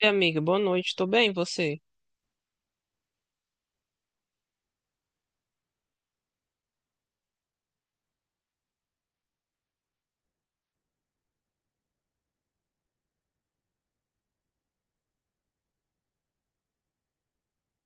E, amiga, boa noite, tô bem, e você?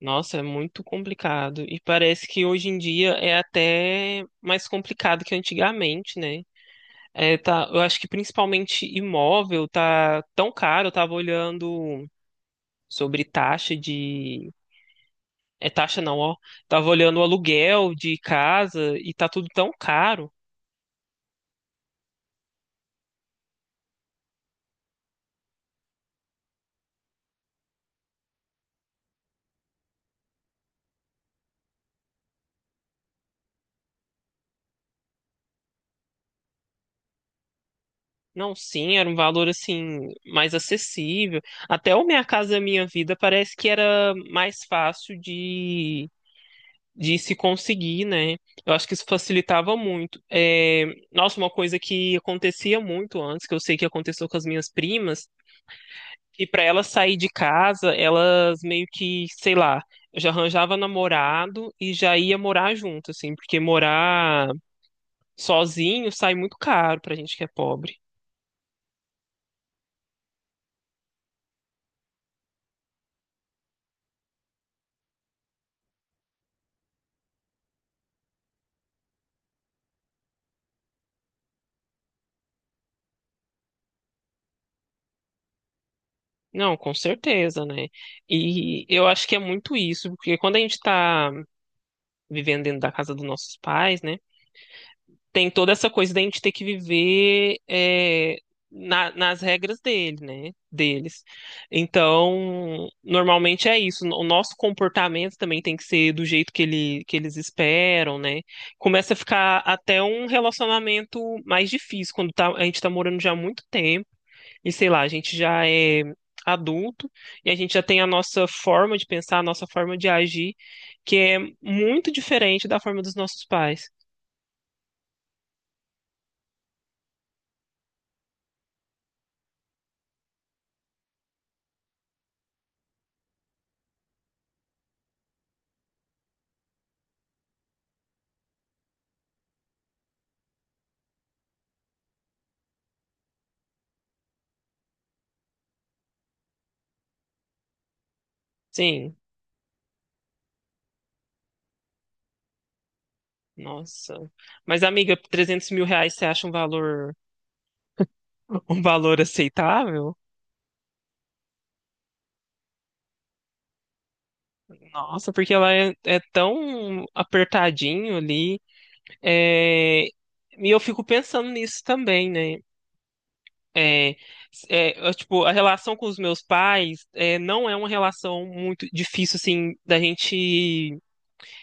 Nossa, é muito complicado. E parece que hoje em dia é até mais complicado que antigamente, né? Eu acho que principalmente imóvel tá tão caro, eu tava olhando sobre taxa de. É taxa não, ó. Tava olhando o aluguel de casa e tá tudo tão caro. Não, sim, era um valor assim mais acessível. Até o Minha Casa Minha Vida parece que era mais fácil de se conseguir, né? Eu acho que isso facilitava muito. Nossa, uma coisa que acontecia muito antes, que eu sei que aconteceu com as minhas primas, que para elas sair de casa, elas meio que, sei lá, já arranjava namorado e já ia morar junto, assim, porque morar sozinho sai muito caro pra gente que é pobre. Não, com certeza, né? E eu acho que é muito isso, porque quando a gente tá vivendo dentro da casa dos nossos pais, né, tem toda essa coisa da gente ter que viver nas regras dele, né? Deles. Então, normalmente é isso. O nosso comportamento também tem que ser do jeito que que eles esperam, né? Começa a ficar até um relacionamento mais difícil quando a gente tá morando já há muito tempo e sei lá, a gente já é adulto e a gente já tem a nossa forma de pensar, a nossa forma de agir, que é muito diferente da forma dos nossos pais. Sim. Nossa. Mas, amiga, R$ 300.000 você acha um valor aceitável? Nossa, porque é tão apertadinho ali. É, E eu fico pensando nisso também, né? É, tipo, a relação com os meus pais não é uma relação muito difícil, assim, da gente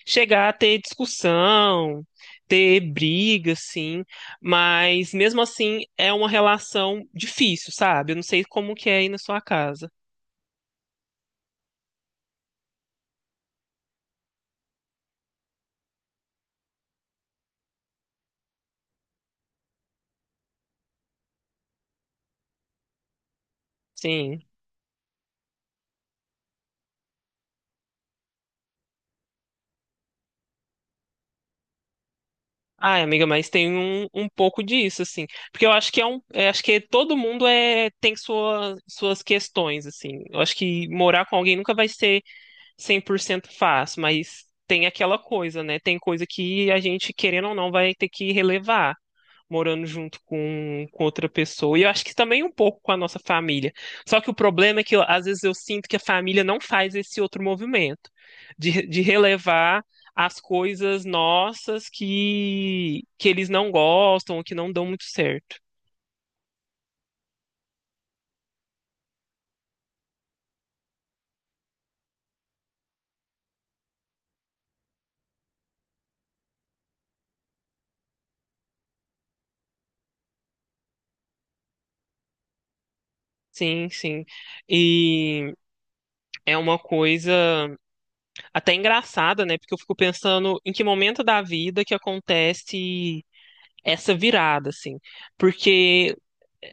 chegar a ter discussão, ter briga, sim, mas mesmo assim é uma relação difícil, sabe? Eu não sei como que é aí na sua casa. Sim. Ai, amiga, mas tem um pouco disso, assim. Porque eu acho que todo mundo tem suas questões, assim. Eu acho que morar com alguém nunca vai ser 100% fácil, mas tem aquela coisa, né? Tem coisa que a gente, querendo ou não, vai ter que relevar morando junto com outra pessoa. E eu acho que também um pouco com a nossa família. Só que o problema é que às vezes eu sinto que a família não faz esse outro movimento de relevar as coisas nossas que eles não gostam, ou que não dão muito certo. Sim, sim. E é uma coisa até engraçada, né? Porque eu fico pensando em que momento da vida que acontece essa virada, assim. Porque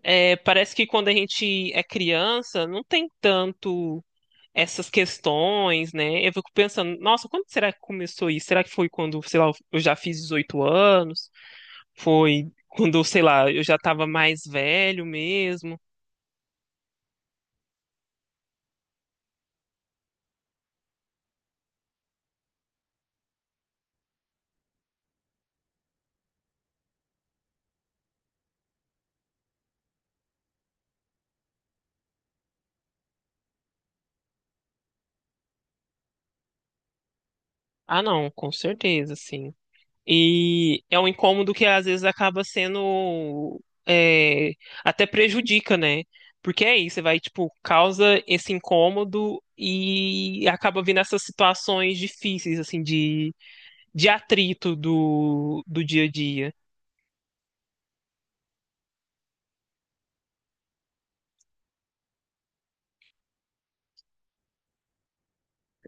Parece que quando a gente é criança, não tem tanto essas questões, né? Eu fico pensando, nossa, quando será que começou isso? Será que foi quando, sei lá, eu já fiz 18 anos? Foi quando, sei lá, eu já estava mais velho mesmo? Ah, não, com certeza, sim. E é um incômodo que às vezes é, até prejudica, né? Porque é isso, você vai, tipo, causa esse incômodo e acaba vindo essas situações difíceis, assim, de atrito do dia a dia.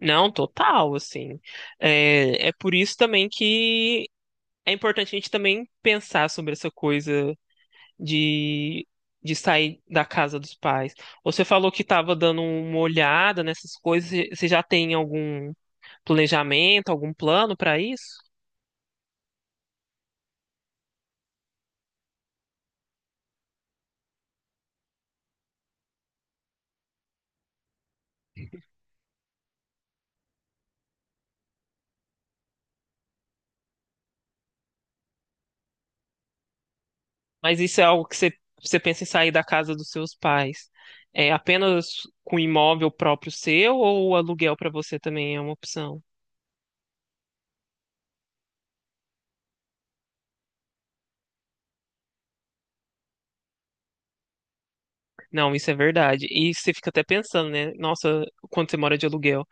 Não, total, assim. É, é por isso também que é importante a gente também pensar sobre essa coisa de, de sair da casa dos pais. Você falou que estava dando uma olhada nessas coisas. Você já tem algum planejamento, algum plano para isso? Mas isso é algo você pensa em sair da casa dos seus pais? É apenas com imóvel próprio seu ou o aluguel para você também é uma opção? Não, isso é verdade. E você fica até pensando, né? Nossa, quando você mora de aluguel,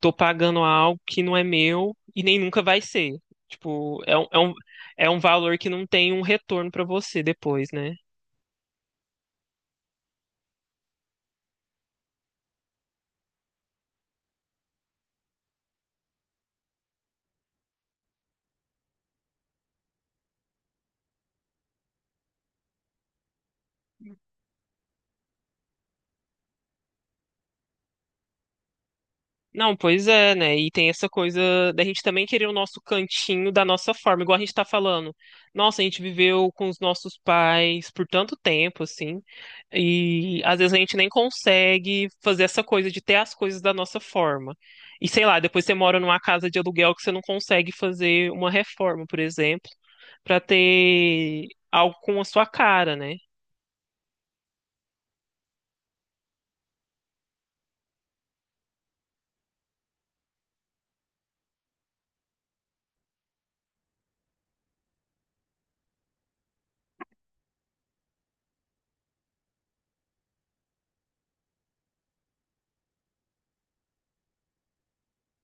tô pagando algo que não é meu e nem nunca vai ser. Tipo, é um valor que não tem um retorno pra você depois, né? Não, pois é, né? E tem essa coisa da gente também querer o nosso cantinho da nossa forma, igual a gente tá falando. Nossa, a gente viveu com os nossos pais por tanto tempo, assim, e às vezes a gente nem consegue fazer essa coisa de ter as coisas da nossa forma. E sei lá, depois você mora numa casa de aluguel que você não consegue fazer uma reforma, por exemplo, pra ter algo com a sua cara, né?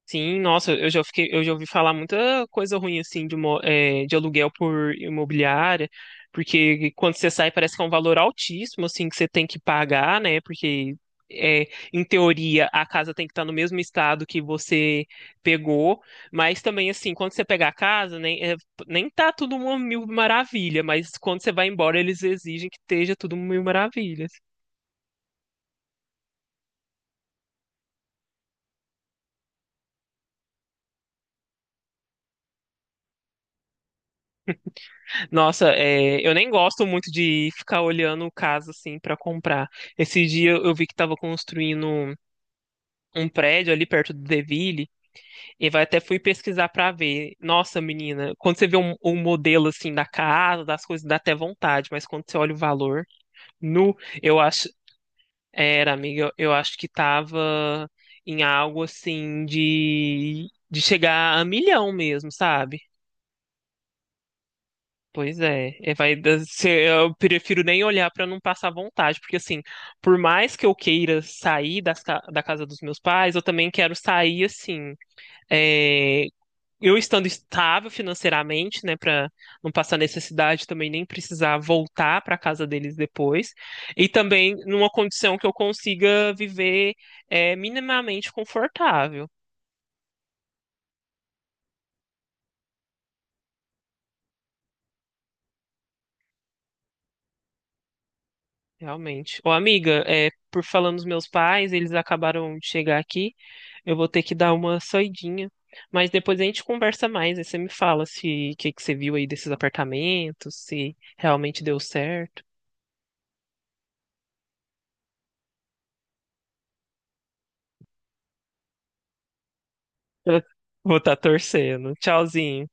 Sim, nossa, eu já ouvi falar muita coisa ruim assim de aluguel por imobiliária, porque quando você sai parece que é um valor altíssimo assim que você tem que pagar, né? Eh, Em teoria a casa tem que estar no mesmo estado que você pegou, mas também assim quando você pegar a casa nem tá tudo uma mil maravilha, mas quando você vai embora eles exigem que esteja tudo mil maravilhas. Nossa, é, eu nem gosto muito de ficar olhando o caso assim pra comprar. Esse dia eu vi que tava construindo um prédio ali perto do Deville e vai até fui pesquisar pra ver. Nossa, menina, quando você vê um modelo assim da casa, das coisas, dá até vontade, mas quando você olha o valor, nu, eu acho, eu acho que tava em algo assim de chegar a milhão mesmo, sabe? Pois é, é, vai, eu prefiro nem olhar pra não passar vontade, porque assim, por mais que eu queira sair da casa dos meus pais, eu também quero sair assim, é, eu estando estável financeiramente, né, pra não passar necessidade também nem precisar voltar pra casa deles depois, e também numa condição que eu consiga viver minimamente confortável, realmente. Ô, amiga, é, por falando dos meus pais, eles acabaram de chegar aqui. Eu vou ter que dar uma saidinha. Mas depois a gente conversa mais. Aí você me fala se o que que você viu aí desses apartamentos, se realmente deu certo. Eu vou estar torcendo. Tchauzinho.